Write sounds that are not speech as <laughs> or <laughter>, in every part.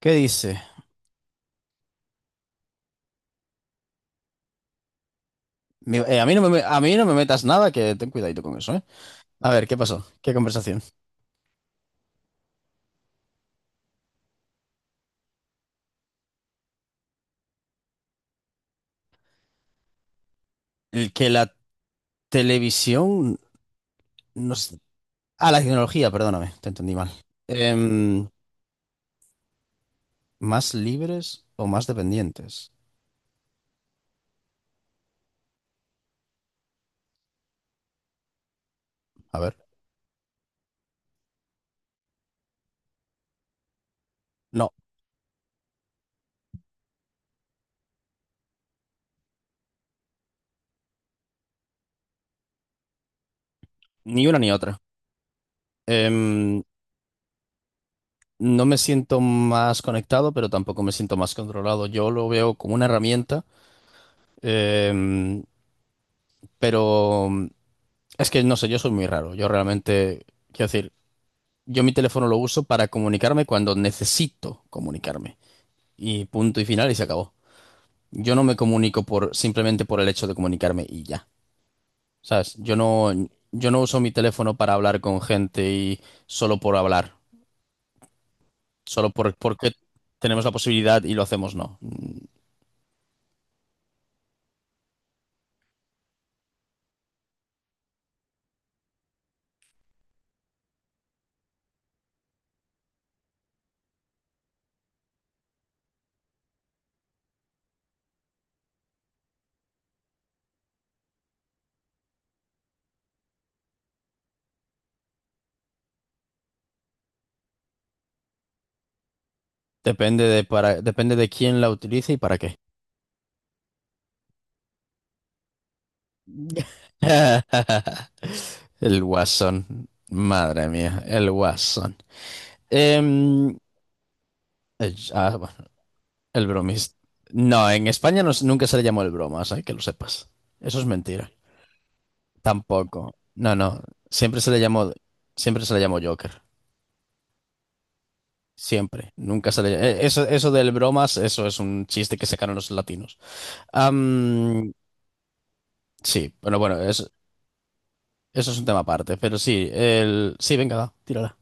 ¿Qué dice? A mí no me, me- a mí no me metas nada, que ten cuidadito con eso, ¿eh? A ver, ¿qué pasó? ¿Qué conversación? El que la televisión nos... Ah, la tecnología, perdóname, te entendí mal. Em, ¿Más libres o más dependientes? A ver. No, ni una ni otra. Em, no me siento más conectado, pero tampoco me siento más controlado. Yo lo veo como una herramienta, em, pero es que no sé, yo soy muy raro. Yo realmente, quiero decir... Yo mi teléfono lo uso para comunicarme cuando necesito comunicarme. Y punto y final y se acabó. Yo no me comunico por simplemente por el hecho de comunicarme y ya. ¿Sabes? Yo no uso mi teléfono para hablar con gente y solo por hablar. Solo por, porque tenemos la posibilidad y lo hacemos, no. Depende de para, depende de quién la utilice y para qué. <laughs> El guasón. Madre mía, el guasón. Em, bueno. El bromis. No, en España no, nunca se le llamó el bromas, hay que lo sepas. Eso es mentira. Tampoco. No, no. Siempre se le llamó, Siempre se le llamó Joker. Siempre. Nunca se le Eso, eso del bromas, eso es un chiste que sacaron los latinos. Am, sí, bueno, bueno, eso es un tema aparte. Pero sí, el. Sí, venga, va, tírala.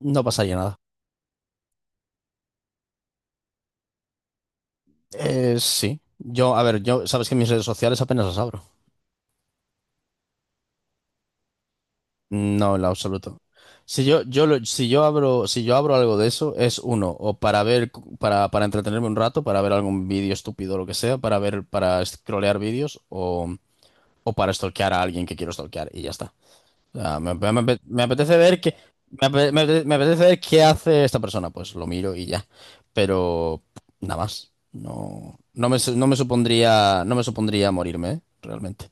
No pasaría nada. Sí. Yo, a ver, yo, sabes que mis redes sociales apenas las abro. No, en lo absoluto. Si yo abro, si yo abro algo de eso, es uno, o para ver, para entretenerme un rato, para ver algún vídeo estúpido o lo que sea, para ver, para scrollear vídeos, o para stalkear a alguien que quiero stalkear, y ya está. O sea, me apetece ver qué, me apetece ver qué hace esta persona, pues lo miro y ya. Pero nada más. No, no me supondría, no me supondría morirme, ¿eh? Realmente.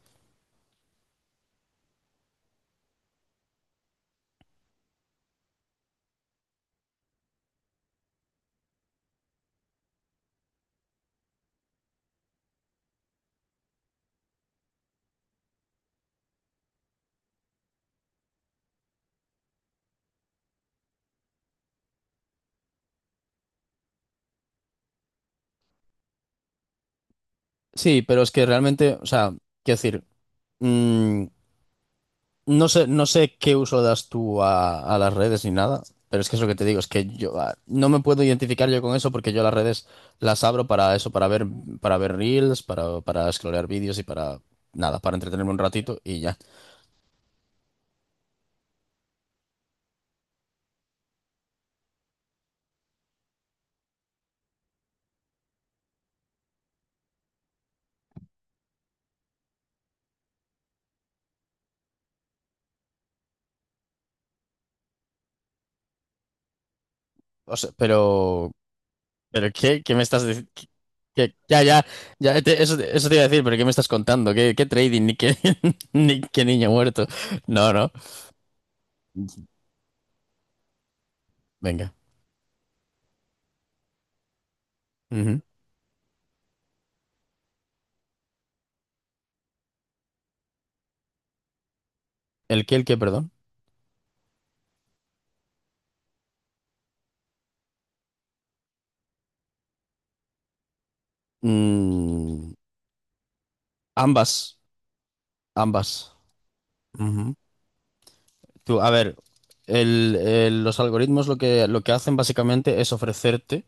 Sí, pero es que realmente, o sea, quiero decir. mm, No sé, no sé qué uso das tú a las redes ni nada, pero es que es lo que te digo, es que no me puedo identificar yo con eso porque yo las redes las abro para eso, para ver reels, para scrollear vídeos y para nada, para entretenerme un ratito y ya. O sea, pero ¿qué, qué me estás diciendo? ya, ya, Eso, eso te iba a decir, pero ¿qué me estás contando? ¿Qué, qué trading? Ni qué, <laughs> ni qué niño muerto. No, no. Venga. Ujú. El qué, perdón? Mm, Ambas, ambas. Ujú. Tú, a ver, los algoritmos lo que hacen básicamente es ofrecerte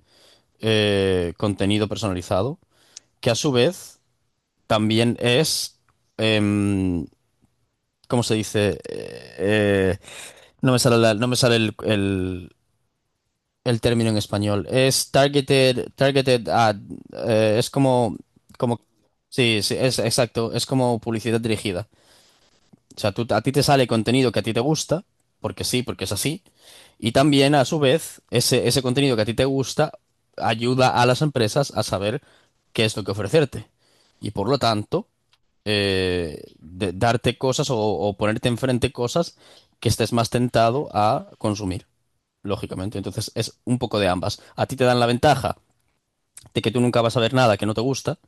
contenido personalizado, que a su vez también es, em, ¿cómo se dice? No me sale no me sale el término en español. Es targeted, targeted ad, es como, como, sí, sí, es exacto, es como publicidad dirigida. O sea, a ti te sale contenido que a ti te gusta, porque sí, porque es así. Y también, a su vez, ese contenido que a ti te gusta ayuda a las empresas a saber qué es lo que ofrecerte. Y por lo tanto, darte cosas o ponerte enfrente cosas que estés más tentado a consumir, lógicamente. Entonces, es un poco de ambas. A ti te dan la ventaja de que tú nunca vas a ver nada que no te gusta,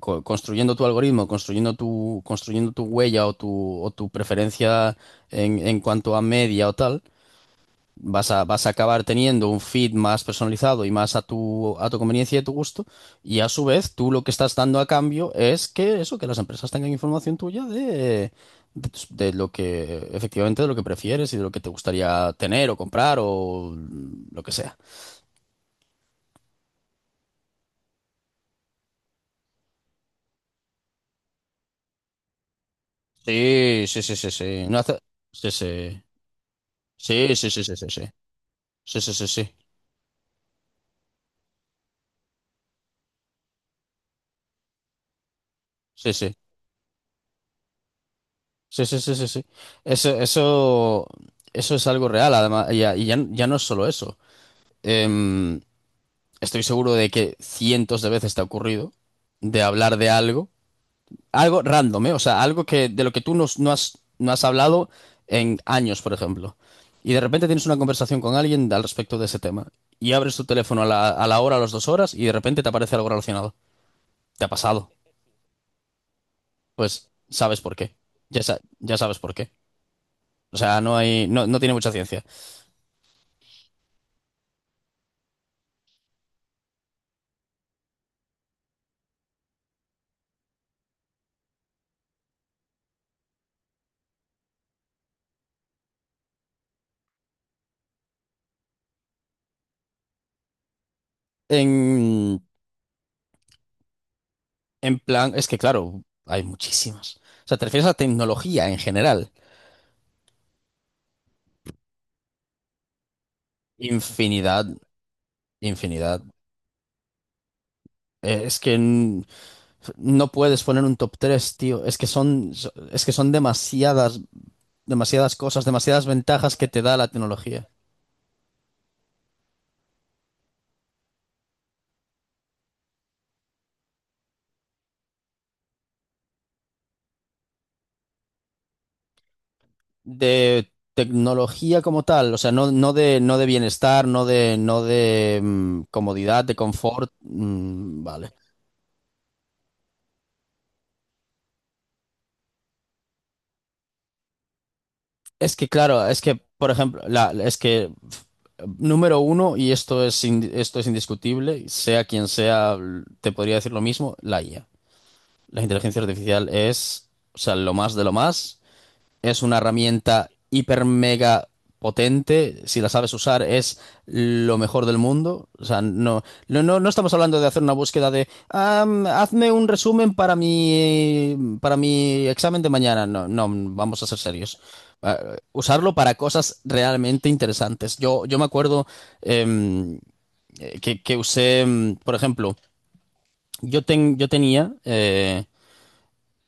construyendo tu algoritmo, construyendo tu huella o tu preferencia en cuanto a media o tal, vas a, vas a acabar teniendo un feed más personalizado y más a tu conveniencia y a tu gusto. Y a su vez, tú lo que estás dando a cambio es que eso, que las empresas tengan información tuya de, de lo que efectivamente de lo que prefieres y de lo que te gustaría tener o comprar o lo que sea. Sí, sí, sí, sí, sí. No hace- Sí, sí. Sí, sí, sí, sí, sí, sí. Sí, sí, sí, sí. Sí, sí, sí, sí, sí, sí, sí. Eso, eso, eso es algo real, además, y ya, ya no es solo eso. Em, Estoy seguro de que cientos de veces te ha ocurrido de hablar de algo, algo random, ¿eh? O sea, algo que, de lo que tú no has, no has hablado en años, por ejemplo. Y de repente tienes una conversación con alguien al respecto de ese tema. Y abres tu teléfono a la hora, a las dos horas, y de repente te aparece algo relacionado. Te ha pasado. Pues sabes por qué. Ya sabes por qué. O sea, no hay, no tiene mucha ciencia. En, en plan, es que claro, hay muchísimas. O sea, te refieres a tecnología en general. Infinidad, infinidad. Es que no puedes poner un top 3 tío. Es que son, es que son demasiadas, demasiadas cosas, demasiadas ventajas que te da la tecnología. De tecnología como tal, o sea, no, no de, no de bienestar, no de, no de comodidad, de confort. Vale. Es que claro, es que, por ejemplo, la, número uno, y esto es, esto es indiscutible, sea quien sea, te podría decir lo mismo, la IA. La inteligencia artificial es, o sea, lo más de lo más. Es una herramienta hiper mega potente. Si la sabes usar, es lo mejor del mundo. O sea, no, no estamos hablando de hacer una búsqueda de hazme un resumen para mi examen de mañana. No, no, vamos a ser serios. Ah, usarlo para cosas realmente interesantes. Yo me acuerdo em, que usé, por ejemplo, yo tenía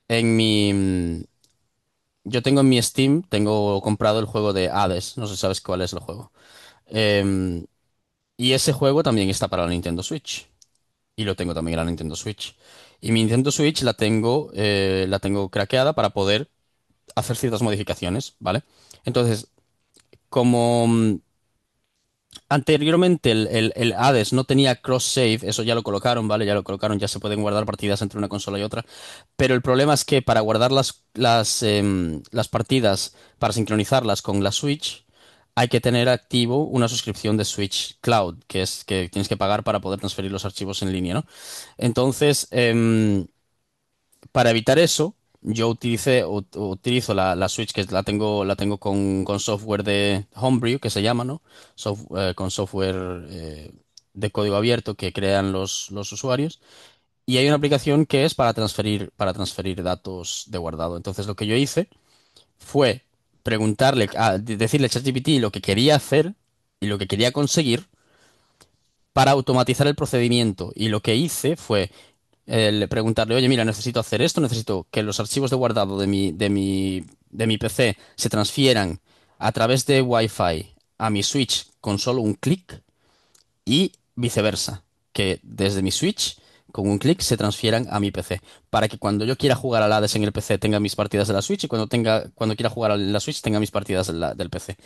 en mi, yo tengo en mi Steam, tengo comprado el juego de Hades, no sé si sabes cuál es el juego. Em, y ese juego también está para la Nintendo Switch. Y lo tengo también en la Nintendo Switch. Y mi Nintendo Switch la tengo craqueada para poder hacer ciertas modificaciones, ¿vale? Entonces, como, anteriormente el, el Hades no tenía cross-save, eso ya lo colocaron, ¿vale? Ya lo colocaron, ya se pueden guardar partidas entre una consola y otra, pero el problema es que para guardar las, las partidas, para sincronizarlas con la Switch, hay que tener activo una suscripción de Switch Cloud, que es que tienes que pagar para poder transferir los archivos en línea, ¿no? Entonces, para evitar eso, utilizo la, la Switch que la tengo con software de Homebrew, que se llama, ¿no? Con software de código abierto que crean los usuarios. Y hay una aplicación que es para transferir datos de guardado. Entonces lo que yo hice fue preguntarle, decirle a ChatGPT lo que quería hacer y lo que quería conseguir para automatizar el procedimiento. Y lo que hice fue preguntarle, oye, mira, necesito hacer esto, necesito que los archivos de guardado de mi, de mi, de mi PC se transfieran a través de Wi-Fi a mi Switch con solo un clic y viceversa, que desde mi Switch con un clic se transfieran a mi PC, para que cuando yo quiera jugar al Hades en el PC tenga mis partidas de la Switch y cuando tenga, cuando quiera jugar a la Switch tenga mis partidas de del PC.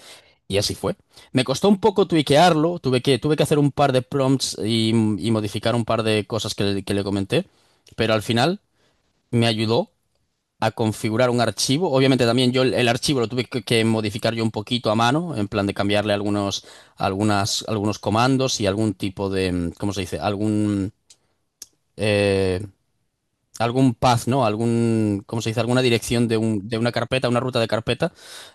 Y así fue. Me costó un poco tuiquearlo, tuve que hacer un par de prompts y modificar un par de cosas que, que le comenté, pero al final me ayudó a configurar un archivo. Obviamente también yo el archivo lo tuve que modificar yo un poquito a mano, en plan de cambiarle algunos, algunas, algunos comandos y algún tipo de, ¿cómo se dice? Algún, eh, algún path, ¿no? Algún, ¿cómo se dice? Alguna dirección de, de una carpeta, una ruta de carpeta.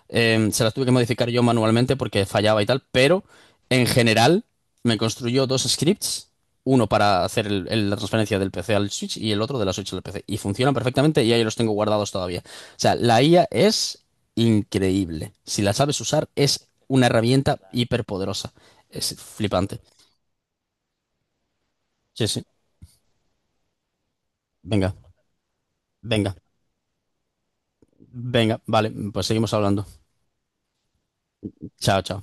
Se las tuve que modificar yo manualmente porque fallaba y tal, pero en general me construyó 2 scripts, uno para hacer la transferencia del PC al Switch y el otro de la Switch al PC. Y funcionan perfectamente y ahí los tengo guardados todavía. O sea, la IA es increíble. Si la sabes usar, es una herramienta hiperpoderosa. Es flipante. Sí, sí. Venga, venga, venga. Vale, pues seguimos hablando. Chao, chao.